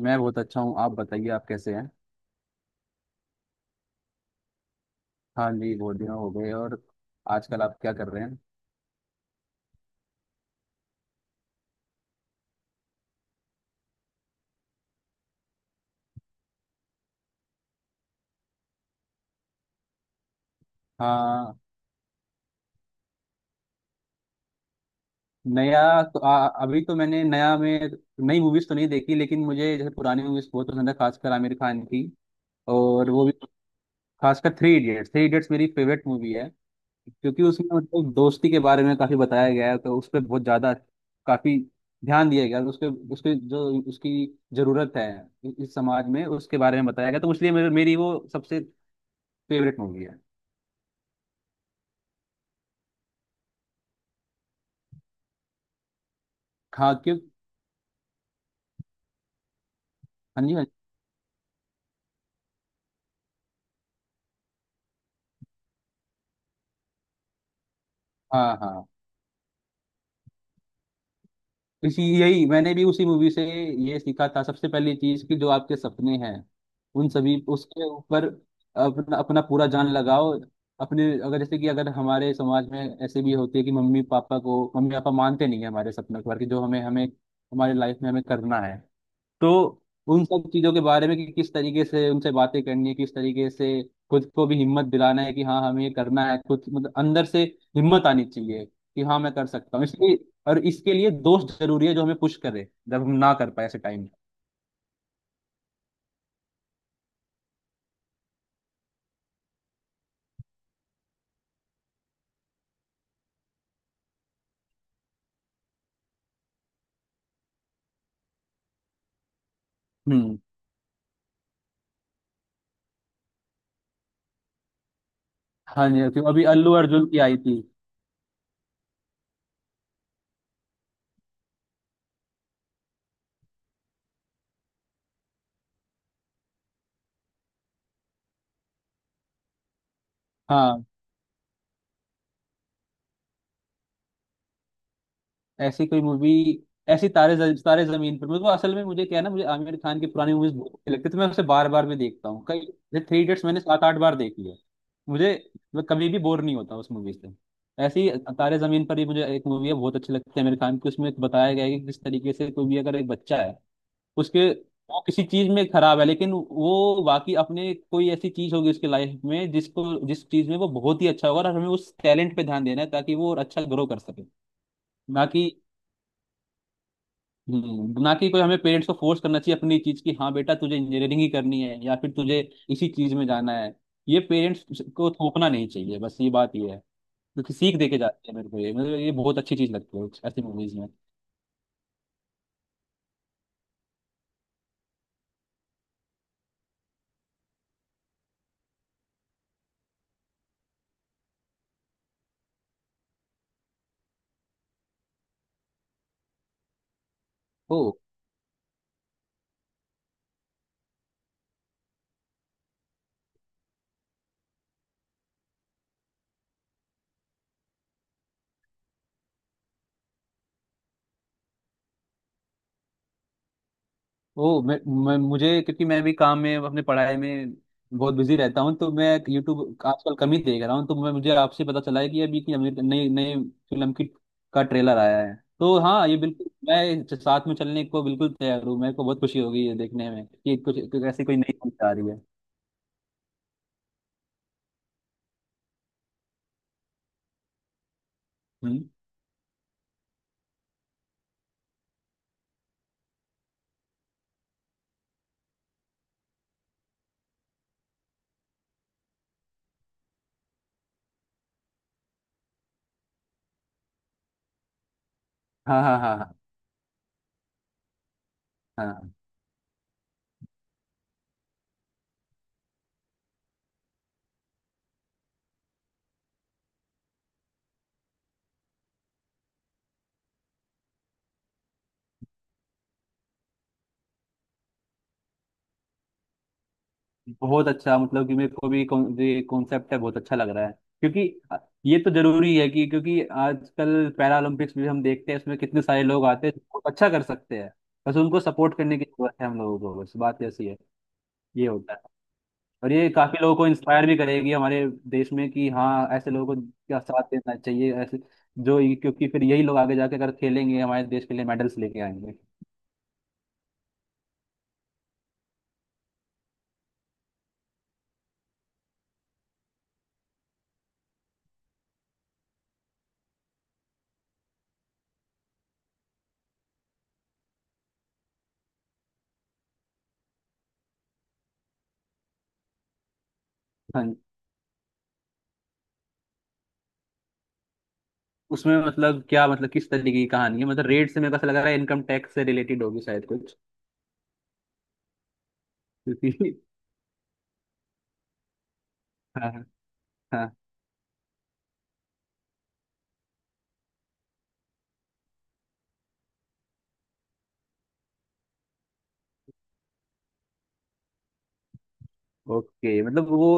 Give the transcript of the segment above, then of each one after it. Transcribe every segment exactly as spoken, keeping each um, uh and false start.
मैं बहुत अच्छा हूँ। आप बताइए आप कैसे हैं। हाँ जी, बहुत दिन हो गए। और आजकल आप क्या कर रहे हैं। हाँ। नया तो आ, अभी तो मैंने नया में नई मूवीज तो नहीं देखी, लेकिन मुझे जैसे पुरानी मूवीज बहुत पसंद है, खासकर आमिर खान की। और वो भी खासकर थ्री इडियट्स। थ्री इडियट्स मेरी फेवरेट मूवी है क्योंकि उसमें मतलब दोस्ती के बारे में काफी बताया गया है, तो उस पर बहुत ज्यादा काफी ध्यान दिया गया है। उसके उसके जो उसकी जरूरत है इस समाज में, उसके बारे में बताया गया, तो इसलिए मेरे- मेरी वो सबसे फेवरेट मूवी है। हाँ, क्यों। हाँ जी, हाँ जी। हाँ हाँ। इसी यही मैंने भी उसी मूवी से ये सीखा था। सबसे पहली चीज कि जो आपके सपने हैं, उन सभी उसके ऊपर अपना अपना पूरा जान लगाओ। अपने अगर जैसे कि अगर हमारे समाज में ऐसे भी होती है कि मम्मी पापा को मम्मी पापा मानते नहीं है हमारे सपने के बारे, कि जो हमें हमें हमारे लाइफ में हमें करना है। तो उन सब चीजों के बारे में कि किस तरीके से उनसे बातें करनी है, किस तरीके से खुद को भी हिम्मत दिलाना है कि हाँ, हमें ये करना है, खुद मतलब अंदर से हिम्मत आनी चाहिए कि हाँ, मैं कर सकता हूँ, इसलिए। और इसके लिए दोस्त जरूरी है जो हमें पुश करे जब हम ना कर पाए ऐसे टाइम। हम्म। हाँ जी, क्यों, अभी अल्लू अर्जुन की आई थी। हाँ, ऐसी कोई मूवी ऐसी तारे ज- तारे जमीन पर, मेरे को असल में, मुझे क्या है ना, मुझे आमिर खान की पुरानी मूवीज बहुत अच्छी लगती है, तो मैं उसे बार बार में देखता हूँ, कई। थ्री इडियट्स मैंने सात आठ बार देखी है। मुझे मैं कभी भी बोर नहीं होता उस मूवी से। ऐसी, तारे जमीन पर ही मुझे एक मूवी है, बहुत अच्छी लगती है आमिर खान की। उसमें बताया गया है कि किस तरीके से कोई भी अगर एक बच्चा है, उसके वो किसी चीज में खराब है, लेकिन वो बाकी अपने कोई ऐसी चीज होगी उसके लाइफ में, जिसको जिस चीज में वो बहुत ही अच्छा होगा और हमें उस टैलेंट पे ध्यान देना है ताकि वो और अच्छा ग्रो कर सके। ना कि हम्म, ना कि कोई हमें पेरेंट्स को फोर्स करना चाहिए अपनी चीज की, हाँ बेटा तुझे इंजीनियरिंग ही करनी है या फिर तुझे इसी चीज में जाना है। ये पेरेंट्स को थोपना नहीं चाहिए, बस ये बात ये है। क्योंकि सीख दे के जाते हैं, मेरे को ये मतलब ये बहुत अच्छी चीज लगती है, ऐसी मूवीज में। ओ, मैं, मैं मुझे, क्योंकि मैं भी काम में अपने पढ़ाई में बहुत बिजी रहता हूँ, तो मैं यूट्यूब आजकल कम ही देख रहा हूँ। तो मैं मुझे आपसे पता चला है कि अभी की अमीर नई नई फिल्म की का ट्रेलर आया है। तो हाँ, ये बिल्कुल मैं इस- साथ में चलने को बिल्कुल तैयार हूँ। मेरे को बहुत खुशी होगी ये देखने में कि कुछ कुछ ऐसी कोई नई फिल्म आ रही है। हम्म। हाँ, हाँ, हाँ, हाँ। बहुत अच्छा, मतलब कि मेरे को भी कॉन- ये कॉन्सेप्ट है, बहुत अच्छा लग रहा है। क्योंकि अ, ये तो जरूरी है कि क्योंकि आजकल पैरालंपिक्स भी हम देखते हैं, इसमें कितने सारे लोग आते हैं जो बहुत अच्छा कर सकते हैं। बस उनको सपोर्ट करने की जरूरत है हम लोगों को, बस बात ऐसी है। ये होता है। और ये काफी लोगों को इंस्पायर भी करेगी हमारे देश में कि हाँ, ऐसे लोगों को का साथ देना चाहिए, ऐसे जो क्योंकि फिर यही लोग आगे जाके अगर खेलेंगे हमारे देश के लिए मेडल्स लेके आएंगे। हाँ जी। उसमें मतलब क्या मतलब किस तरीके की कहानी है, मतलब रेट से मेरे को ऐसा लग रहा है इनकम टैक्स से रिलेटेड होगी शायद कुछ, क्योंकि हाँ, हाँ। ओके मतलब वो,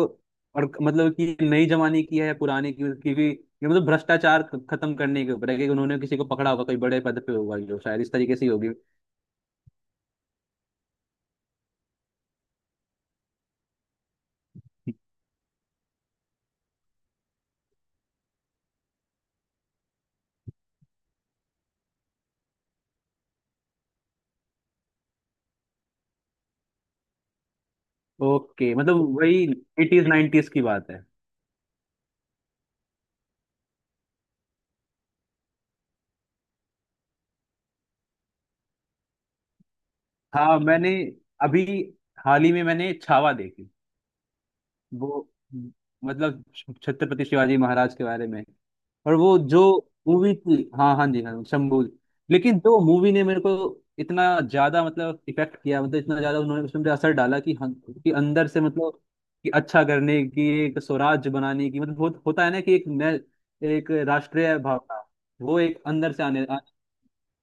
और मतलब कि नई जमाने की है, पुराने की, मतलब क्योंकि ये मतलब भ्रष्टाचार ख- खत्म करने के ऊपर है कि उन्होंने किसी को पकड़ा होगा कोई बड़े पद पे होगा, जो शायद इस तरीके से ही होगी। ओके, मतलब वही एटीज नाइनटीज की बात है। हाँ, मैंने अभी हाल ही में मैंने छावा देखी। वो मतलब छत्रपति शिवाजी महाराज के बारे में, और वो जो मूवी थी, हाँ, हाँ जी हाँ, शंबुल। लेकिन जो मूवी ने मेरे को इतना ज्यादा मतलब इफेक्ट किया, मतलब इतना ज्यादा उन्होंने उसमें मुझे असर डाला कि हम कि अंदर से मतलब, कि अच्छा करने की, एक स्वराज्य बनाने की मतलब, हो, होता है ना कि एक नए- एक राष्ट्रीय भावना वो एक अंदर से आने,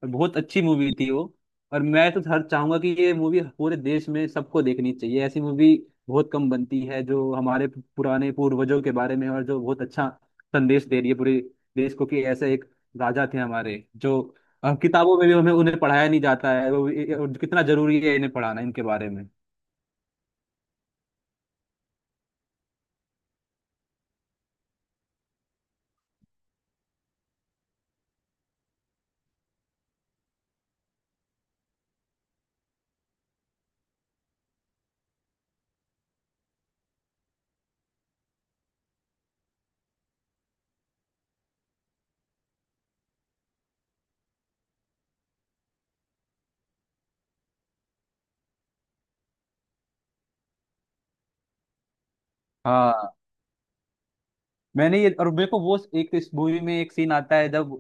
और बहुत अच्छी मूवी थी वो। और मैं तो हर चाहूंगा कि ये मूवी पूरे देश में सबको देखनी चाहिए। ऐसी मूवी बहुत कम बनती है जो हमारे पुराने पूर्वजों के बारे में और जो बहुत अच्छा संदेश दे रही है पूरे देश को कि ऐसे एक राजा थे हमारे जो अ, किताबों में भी हमें उन्हें पढ़ाया नहीं जाता है। वो ये- और कितना जरूरी है इन्हें पढ़ाना, इनके बारे में। हाँ, मैंने ये, और मेरे को वो, एक इस मूवी में एक सीन आता है जब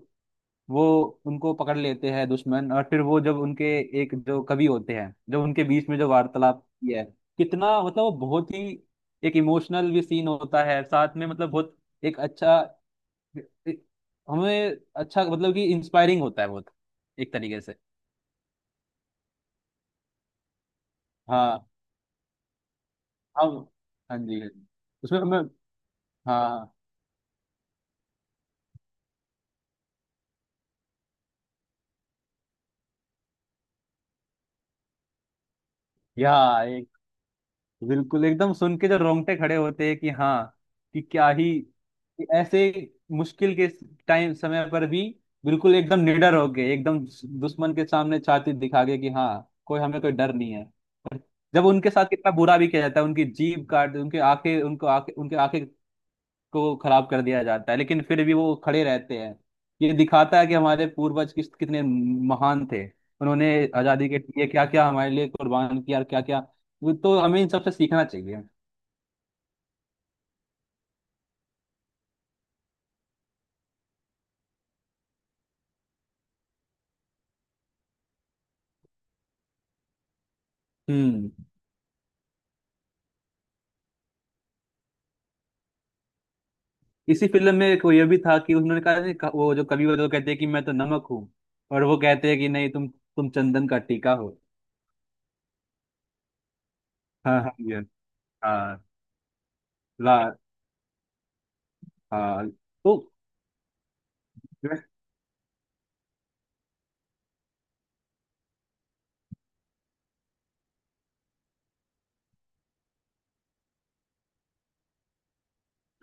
वो उनको पकड़ लेते हैं दुश्मन, और फिर वो जब उनके एक जो कवि होते हैं, जब उनके बीच में जो वार्तालाप की है, कितना मतलब वो बहुत ही एक इमोशनल भी सीन होता है साथ में, मतलब बहुत एक अच्छा एक- हमें, अच्छा, मतलब कि इंस्पायरिंग होता है बहुत एक तरीके से। हाँ, हम, हाँ जी, हाँ जी। उसमें हमें, हाँ, या बिल्कुल एकदम सुन के जो रोंगटे खड़े होते हैं कि हाँ, कि क्या ही, कि ऐसे मुश्किल के टाइम समय पर भी बिल्कुल एकदम निडर हो गए, एकदम दुश्मन के सामने छाती दिखा गए कि हाँ, कोई हमें, कोई डर नहीं है। और जब उनके साथ कितना बुरा भी किया जाता है, उनकी जीभ काट, उनकी आंखें उनको आंखें उनके आंखें को खराब कर दिया जाता है, लेकिन फिर भी वो खड़े रहते हैं। ये दिखाता है कि हमारे पूर्वज किस कितने महान थे। उन्होंने आजादी के लिए क्या क्या हमारे लिए कुर्बान किया, और क्या क्या। तो हमें इन सबसे सीखना चाहिए। हम्म। इसी फिल्म में एक वो ये भी था कि उन्होंने कहा नहीं, क- वो जो कवि, वो जो कहते हैं कि मैं तो नमक हूँ, और वो कहते हैं कि नहीं, तुम तुम चंदन का टीका हो। हाँ हाँ, ये, हाँ, ला, हाँ। तो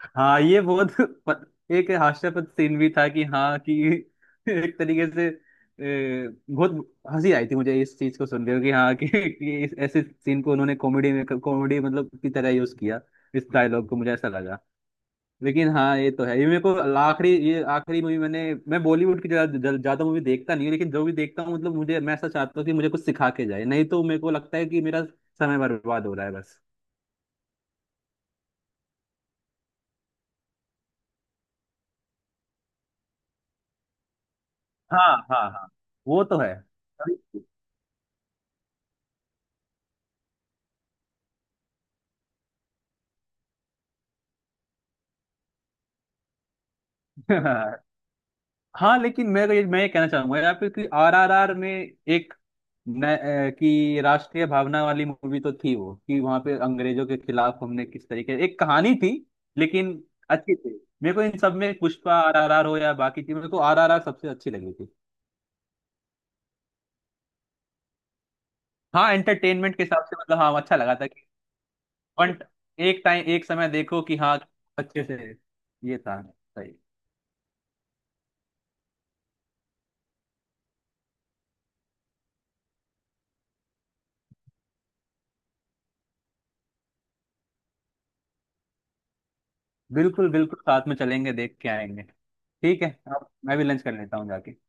हाँ, ये बहुत प- एक हास्यास्पद सीन भी था कि हाँ कि एक तरीके से ए, बहुत हंसी आई थी मुझे इस चीज को सुन के कि हाँ कि, कि इस ऐसे सीन को उन्होंने कॉमेडी में कॉमेडी मतलब की तरह यूज किया, इस डायलॉग को मुझे ऐसा लगा। लेकिन हाँ, ये तो है, ये मेरे को आखिरी ये आखिरी मूवी मैंने। मैं बॉलीवुड की ज्यादा ज्यादा मूवी देखता नहीं हूँ, लेकिन जो भी देखता हूँ मतलब मुझे मैं ऐसा चाहता हूँ कि मुझे कुछ सिखा के जाए, नहीं तो मेरे को लगता है कि मेरा समय बर्बाद हो रहा है, बस। हाँ, हाँ, हाँ, वो तो है। हाँ, लेकिन मैं ये मैं ये कहना चाहूंगा यहाँ पे कि आर आर आर में एक न, अ, कि राष्ट्रीय भावना वाली मूवी तो थी वो, कि वहां पे अंग्रेजों के खिलाफ हमने किस तरीके, एक कहानी थी, लेकिन अच्छी थी। मेरे को इन सब में पुष्पा आर आर आर हो या बाकी थी, मेरे को आर आर आर सबसे अच्छी लगी थी। हाँ एंटरटेनमेंट के हिसाब से मतलब हाँ अच्छा लगा था कि वन एक टाइम, एक समय देखो कि हाँ, अच्छे से, ये था सही। बिल्कुल बिल्कुल, साथ में चलेंगे, देख के आएंगे। ठीक है। अब मैं भी लंच कर लेता हूँ जाके।